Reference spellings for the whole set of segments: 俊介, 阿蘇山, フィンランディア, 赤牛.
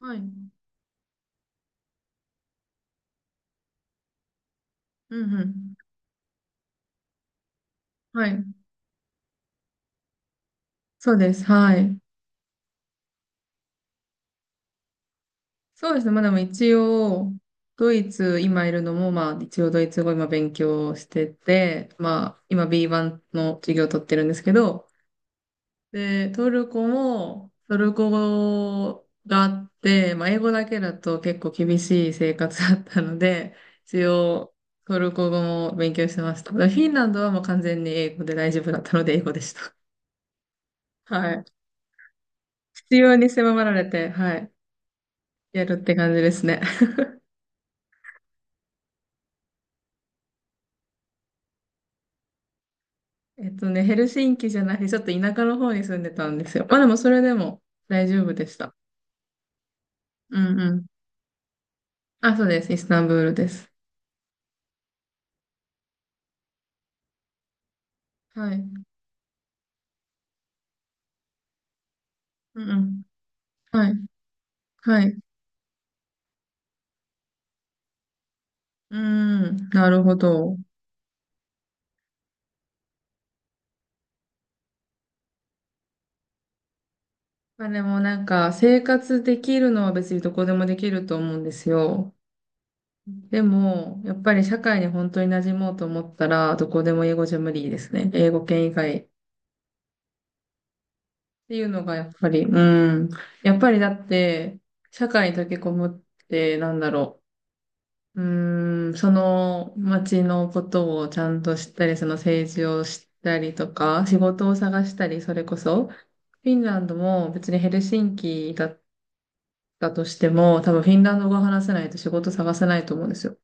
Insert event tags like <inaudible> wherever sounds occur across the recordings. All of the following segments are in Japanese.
はい。うんうん。はい。そうです。はい。そうですね。まあでも一応、ドイツ、今いるのも、まあ一応ドイツ語今勉強してて、まあ今 B1 の授業を取ってるんですけど、で、トルコも、トルコ語があって、まあ英語だけだと結構厳しい生活だったので、一応トルコ語も勉強してました。でフィンランドはもう完全に英語で大丈夫だったので英語でした。はい。必要に迫られて、はい。やるって感じですね。<laughs> ヘルシンキじゃなくて、ちょっと田舎の方に住んでたんですよ。まあでもそれでも大丈夫でした。うんうん。あ、そうです。イスタンブールです。はい。うんうん。はい。はい。うん。なるほど。まあでもなんか、生活できるのは別にどこでもできると思うんですよ。でも、やっぱり社会に本当に馴染もうと思ったら、どこでも英語じゃ無理ですね。英語圏以外ていうのがやっぱり、うん。やっぱりだって、社会に溶け込むって、なんだろう。うん、その街のことをちゃんと知ったり、その政治を知ったりとか、仕事を探したり、それこそ、フィンランドも別にヘルシンキだったとしても、多分フィンランド語を話せないと仕事探せないと思うんですよ。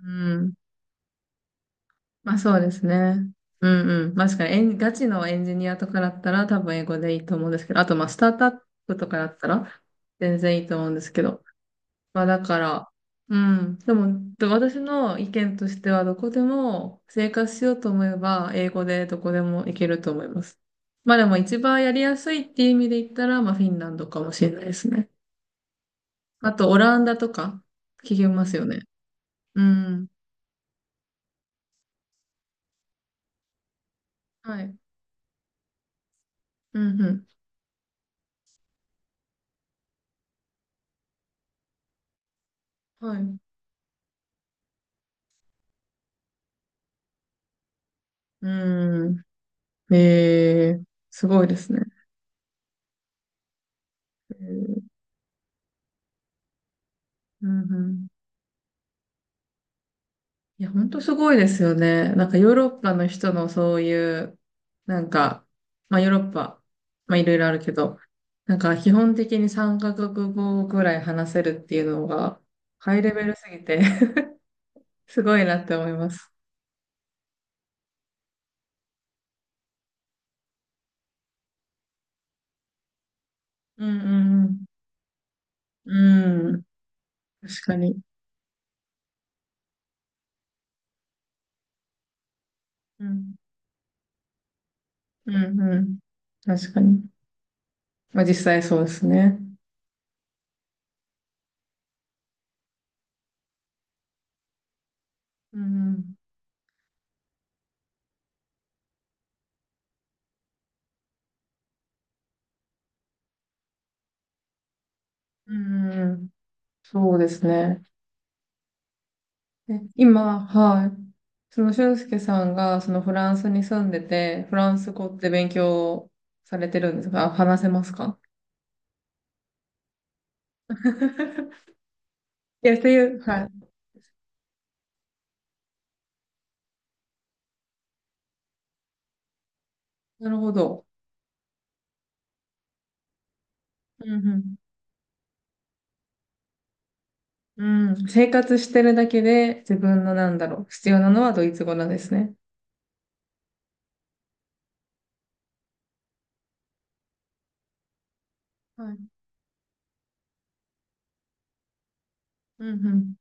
うん。まあそうですね。うんうん。確かにガチのエンジニアとかだったら多分英語でいいと思うんですけど、あとまあスタートアップとかだったら全然いいと思うんですけど。まあだから、うん。でも、で私の意見としてはどこでも生活しようと思えば英語でどこでもいけると思います。まあでも一番やりやすいっていう意味で言ったら、まあフィンランドかもしれないですね。あとオランダとか聞きますよね。うん。はい。うんうん。はい。うん。ええ、すごいですね。えーうんうん、いや、本当すごいですよね。なんかヨーロッパの人のそういう、なんか、まあヨーロッパ、まあいろいろあるけど、なんか基本的に三カ国語ぐらい話せるっていうのが、ハイレベルすぎて <laughs> すごいなって思います。うんうんうん。うん、確かに。うん、うんうん。確かに。まあ実際そうですね。うんうん、うんうんうん、そうですね。え今、はい。その俊介さんが、そのフランスに住んでて、フランス語って勉強されてるんですかあ？話せますか？ <laughs> いや、っていう、はい。なるほど。うんうん。うん。生活してるだけで、自分のなんだろう、必要なのはドイツ語なんですね。はい。うん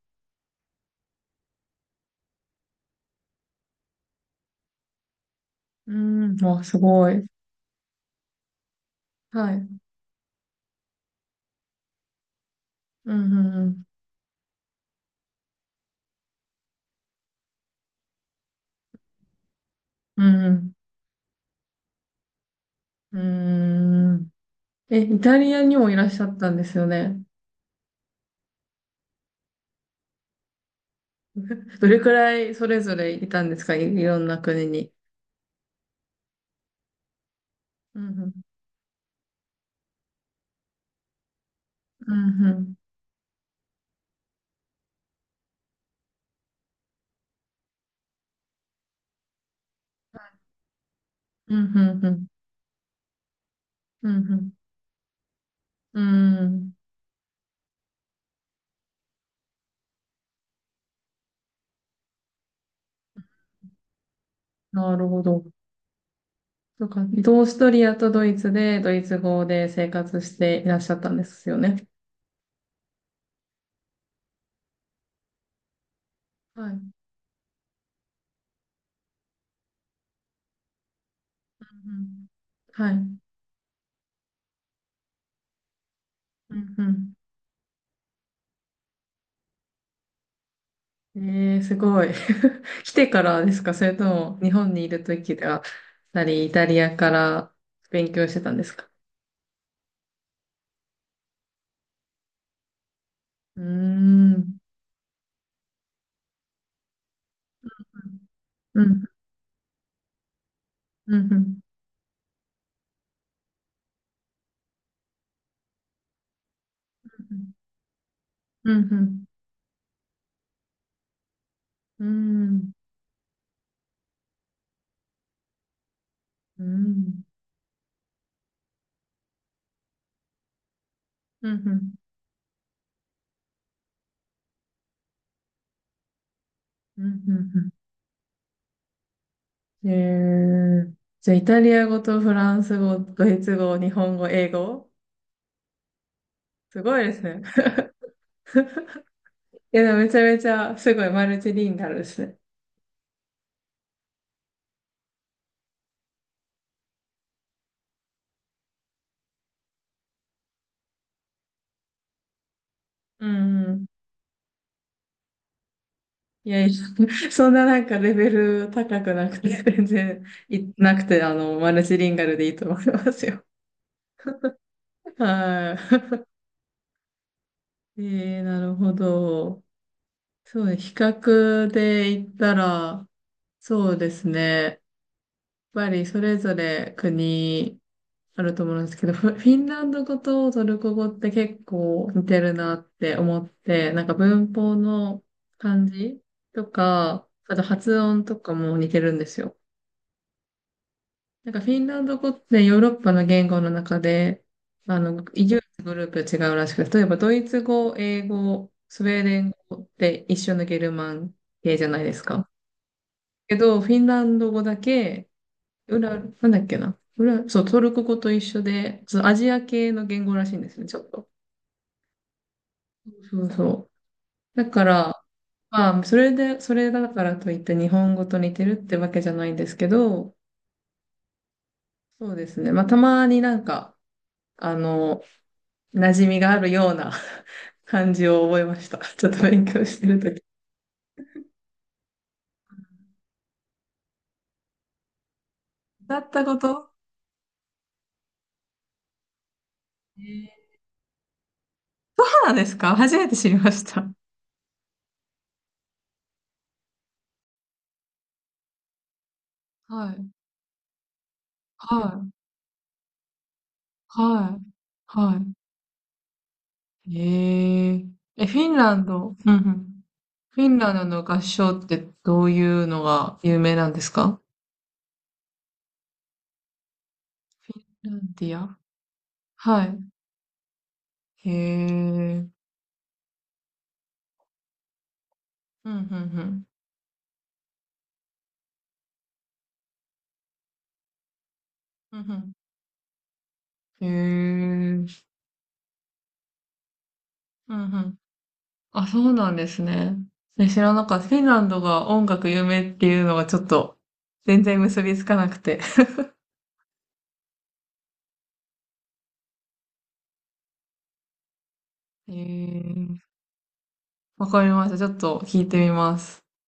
うん。うん。わ、すごい。はい。うんうんうん。うんうん。うん。え、イタリアにもいらっしゃったんですよね。どれくらいそれぞれいたんですか、いろんな国に？うん、うん、うん、うん、うん、うん、うん、うん、なるほど。そうか、オーストリアとドイツで、ドイツ語で生活していらっしゃったんですよね。はい。うんうんはい。うんうん。えー、すごい。<laughs> 来てからですか？それとも、日本にいるときでは、イタリアから勉強してたんですか？うーん。うん、うん、うん、うん、うん、うん。うんうん、うん、うん、うん、うん、うん。じゃあ、イタリア語とフランス語、ドイツ語、日本語、英語すごいですね。<laughs> いや、でもめちゃめちゃ、すごいマルチリンガルですね。うん。いやいや、<laughs> そんななんかレベル高くなくて、<laughs> 全然なくて、マルチリンガルでいいと思いますよ。はい。<laughs> えー、なるほど。そうね、比較で言ったら、そうですね。それぞれ国あると思うんですけど、<laughs> フィンランド語とトルコ語って結構似てるなって思って、なんか文法の漢字とか、あと発音とかも似てるんですよ。なんかフィンランド語ってヨーロッパの言語の中で、唯一グループ違うらしくて、例えばドイツ語、英語、スウェーデン語って一緒のゲルマン系じゃないですか。けど、フィンランド語だけ裏、なんだっけな。裏、そう、トルコ語と一緒で、そう、アジア系の言語らしいんですね、ちょっと。そうそう。だから、まあ、それだからといって日本語と似てるってわけじゃないんですけど、そうですね。まあ、たまになんか、あの、馴染みがあるような <laughs> 感じを覚えました。ちょっと勉強してるとき。だったこと、えーそうなんですか？初めて知りました。はい、はい、はい、はい。えー、フィンランド。うんうんフィンランドの合唱ってどういうのが有名なんですか？フィンランディア。はい。へえ。うん、うん、うん。うん、うん。へえ。うん、うん。あ、そうなんですね。え知らなかった。フィンランドが音楽有名っていうのがちょっと全然結びつかなくて。<laughs> へえ。わかりました。ちょっと聞いてみます。